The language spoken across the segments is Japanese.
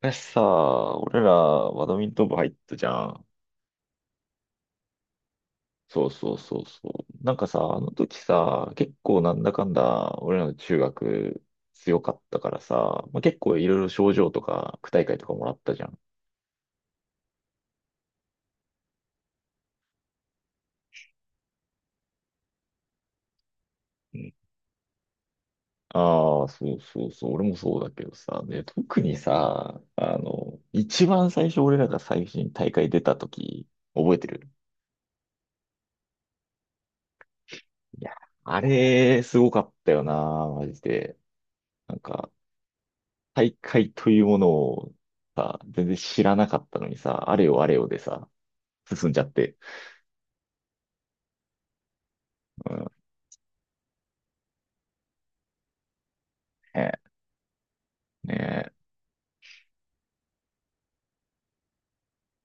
昔さ、俺らバドミントン部入ったじゃん。そうそうそうそう。なんかさ、あの時さ、結構なんだかんだ俺らの中学強かったからさ、まあ、結構いろいろ賞状とか区大会とかもらったじゃん。うん。ああ、そうそうそう。俺もそうだけどさ、ね、特にさ、あの、一番最初俺らが最初に大会出た時、覚えてる？いや、あれ、すごかったよな、マジで。なんか、大会というものをさ、全然知らなかったのにさ、あれよあれよでさ、進んじゃって。うん、ねえ、ね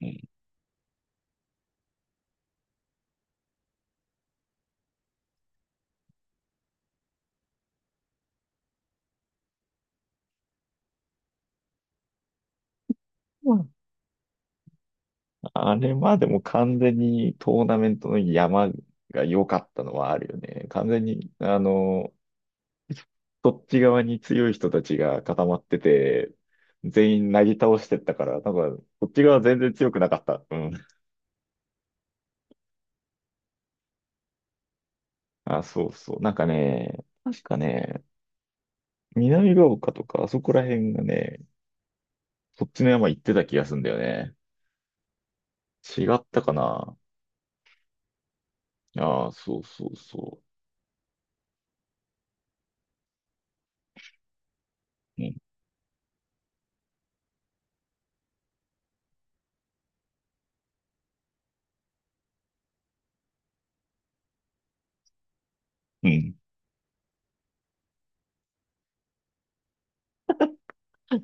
え。うん、あれまでも完全にトーナメントの山が良かったのはあるよね。完全に、あの、そっち側に強い人たちが固まってて、全員なぎ倒してったから、なんか、こっち側全然強くなかった。うん。あ、そうそう。なんかね、確かね、南ヶ丘とか、あそこら辺がね、そっちの山行ってた気がするんだよね。違ったかな？ああ、そうそうそう。うん。うん。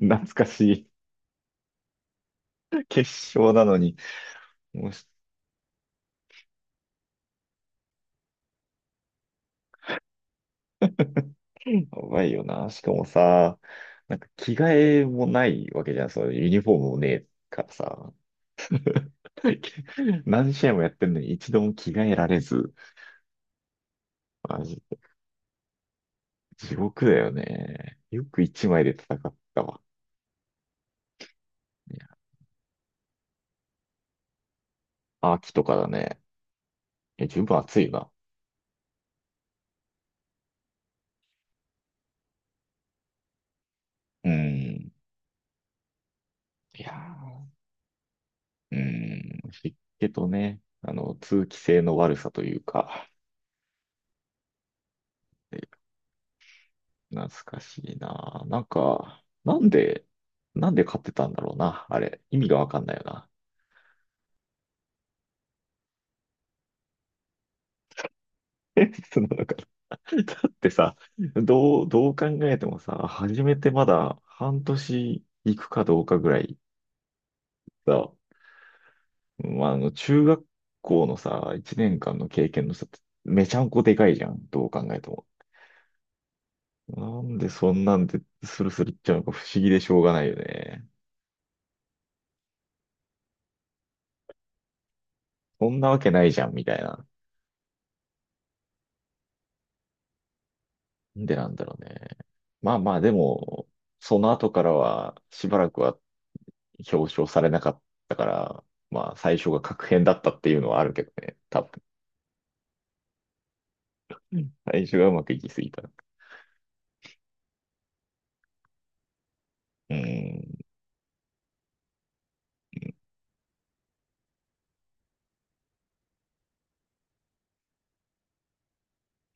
懐かしい。決勝なのに。もうし、やばいよな。しかもさ、なんか着替えもないわけじゃん。そのユニフォームもねえからさ。何試合もやってんのに一度も着替えられず。マジ、地獄だよね。よく一枚で戦ったわ。いや。秋とかだね。え、十分暑いな。うん。いやー。うん、湿気とね、あの、通気性の悪さというか、え。懐かしいな。なんか、なんで買ってたんだろうな、あれ。意味がわかんないよな。え、その、なんか、だってさ、どう考えてもさ、初めてまだ半年行くかどうかぐらいさ、まあ、あの、中学校のさ、1年間の経験のさ、めちゃんこでかいじゃん、どう考えても。なんでそんなんでスルスルいっちゃうのか不思議でしょうがないよね。そんなわけないじゃん、みたいな。なんでなんだろうね。まあまあ、でも、その後からは、しばらくは表彰されなかったから、まあ、最初が確変だったっていうのはあるけどね、多分。うん。最初がうまくいきすぎた。うーん、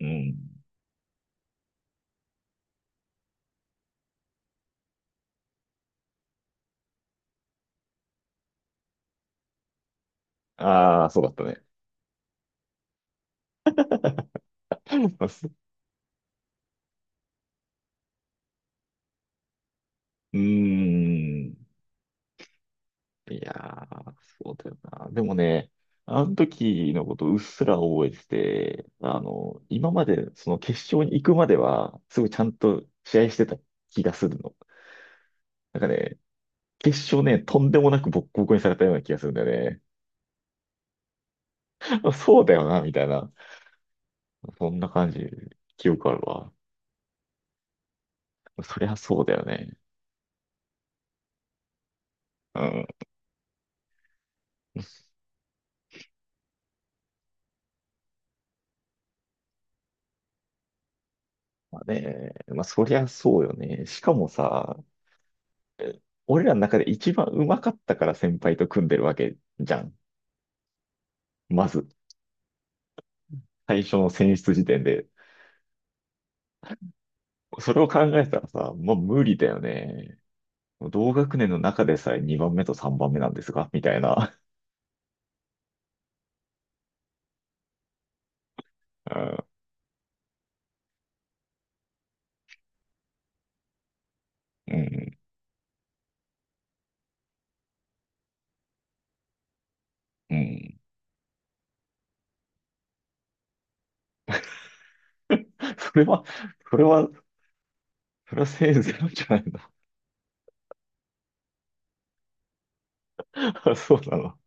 うん。ああ、そうだったね。うーん。いやー、そうだよな。でもね、あの時のことうっすら覚えてて、あの、今までその決勝に行くまでは、すごいちゃんと試合してた気がするの。なんかね、決勝ね、とんでもなくボッコボコにされたような気がするんだよね。あ、そうだよな、みたいな。そんな感じ、記憶あるわ。そりゃそうだよね。うん。まあね、まあそりゃそうよね。しかもさ、え、俺らの中で一番上手かったから先輩と組んでるわけじゃん。まず。最初の選出時点で。それを考えたらさ、もう無理だよね。同学年の中でさえ2番目と3番目なんですが、みたいな。うん、うん、うん。それは、それは、それはせいぜいなんじゃないの？ そうなの。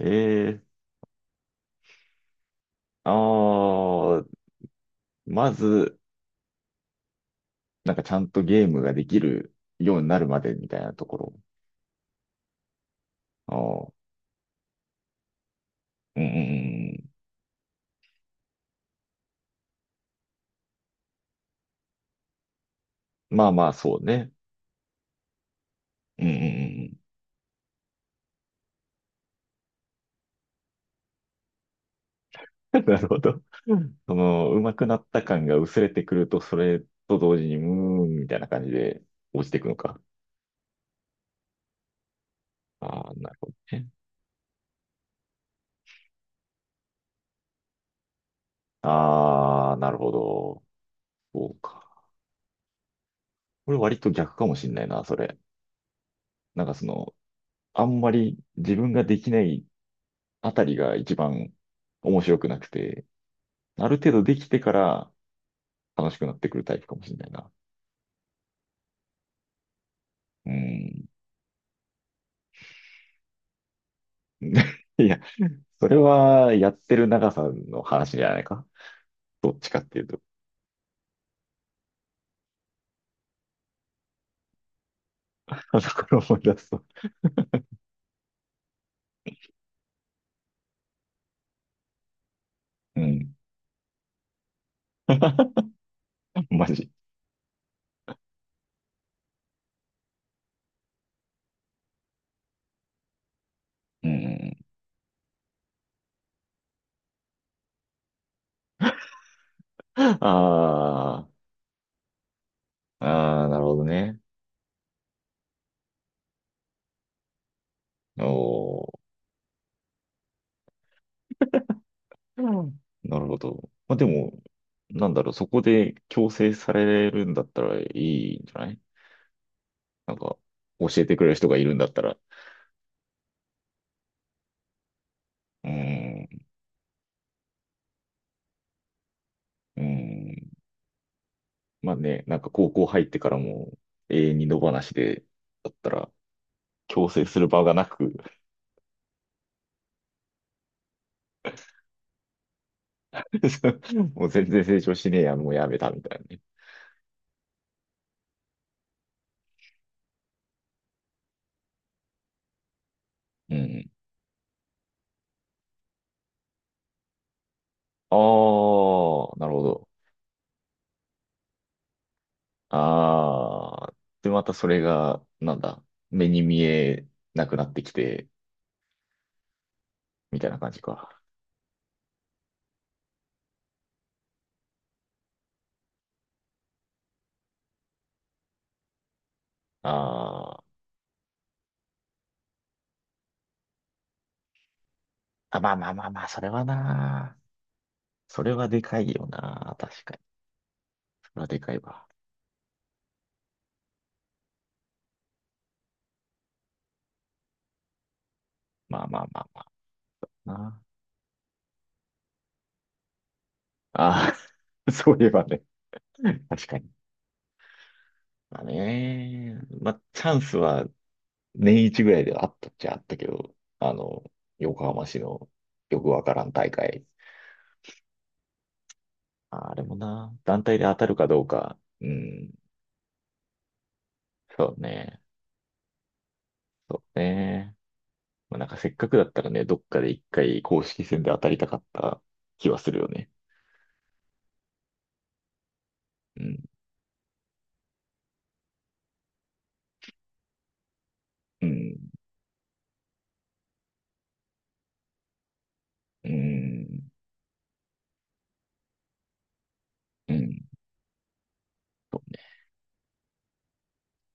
ええ。ああー、まず、なんかちゃんとゲームができるようになるまでみたいなところ。ああ、うん、うん、うん。まあまあ、そうね。うん、うん、うん。なるほど。その、上手くなった感が薄れてくると、それと同時に、うーん、みたいな感じで落ちていくのか。ああ、なるほどね。ああ、なるほど。そうか。これ割と逆かもしんないな、それ。なんかその、あんまり自分ができないあたりが一番面白くなくて、ある程度できてから楽しくなってくるタイプかもしんないな。うん。いや、それはやってる長さの話じゃないか。どっちかっていうと。あ、だから思い出すと。うん。マジ。うん。ああ、ああ、なるほどね。おお、うん。なるほど。まあ、でも、なんだろう、そこで強制されるんだったらいいんじゃない？なんか、教えてくれる人がいるんだったら。うん、うん。まあね、なんか高校入ってからも永遠に野放しで、だったら、強制する場がなく もう全然成長しねえや、もうやめたみたいなね。うん。ああ、なるほど。ああ、で、またそれが、なんだ、目に見えなくなってきて、みたいな感じか。あー。あ、まあまあまあまあ、それはな。それはでかいよな。確かに。それはでかいわ。まあまあまあまあな。ああ、そういえばね。確かに。まあね。まあ、チャンスは年一ぐらいではあったっちゃあったけど、あの、横浜市のよくわからん大会。あ、れもな、団体で当たるかどうか。うん、そうね。そうね。まあ、なんかせっかくだったらね、どっかで一回公式戦で当たりたかった気はするよね。うん、うん、うん、うん。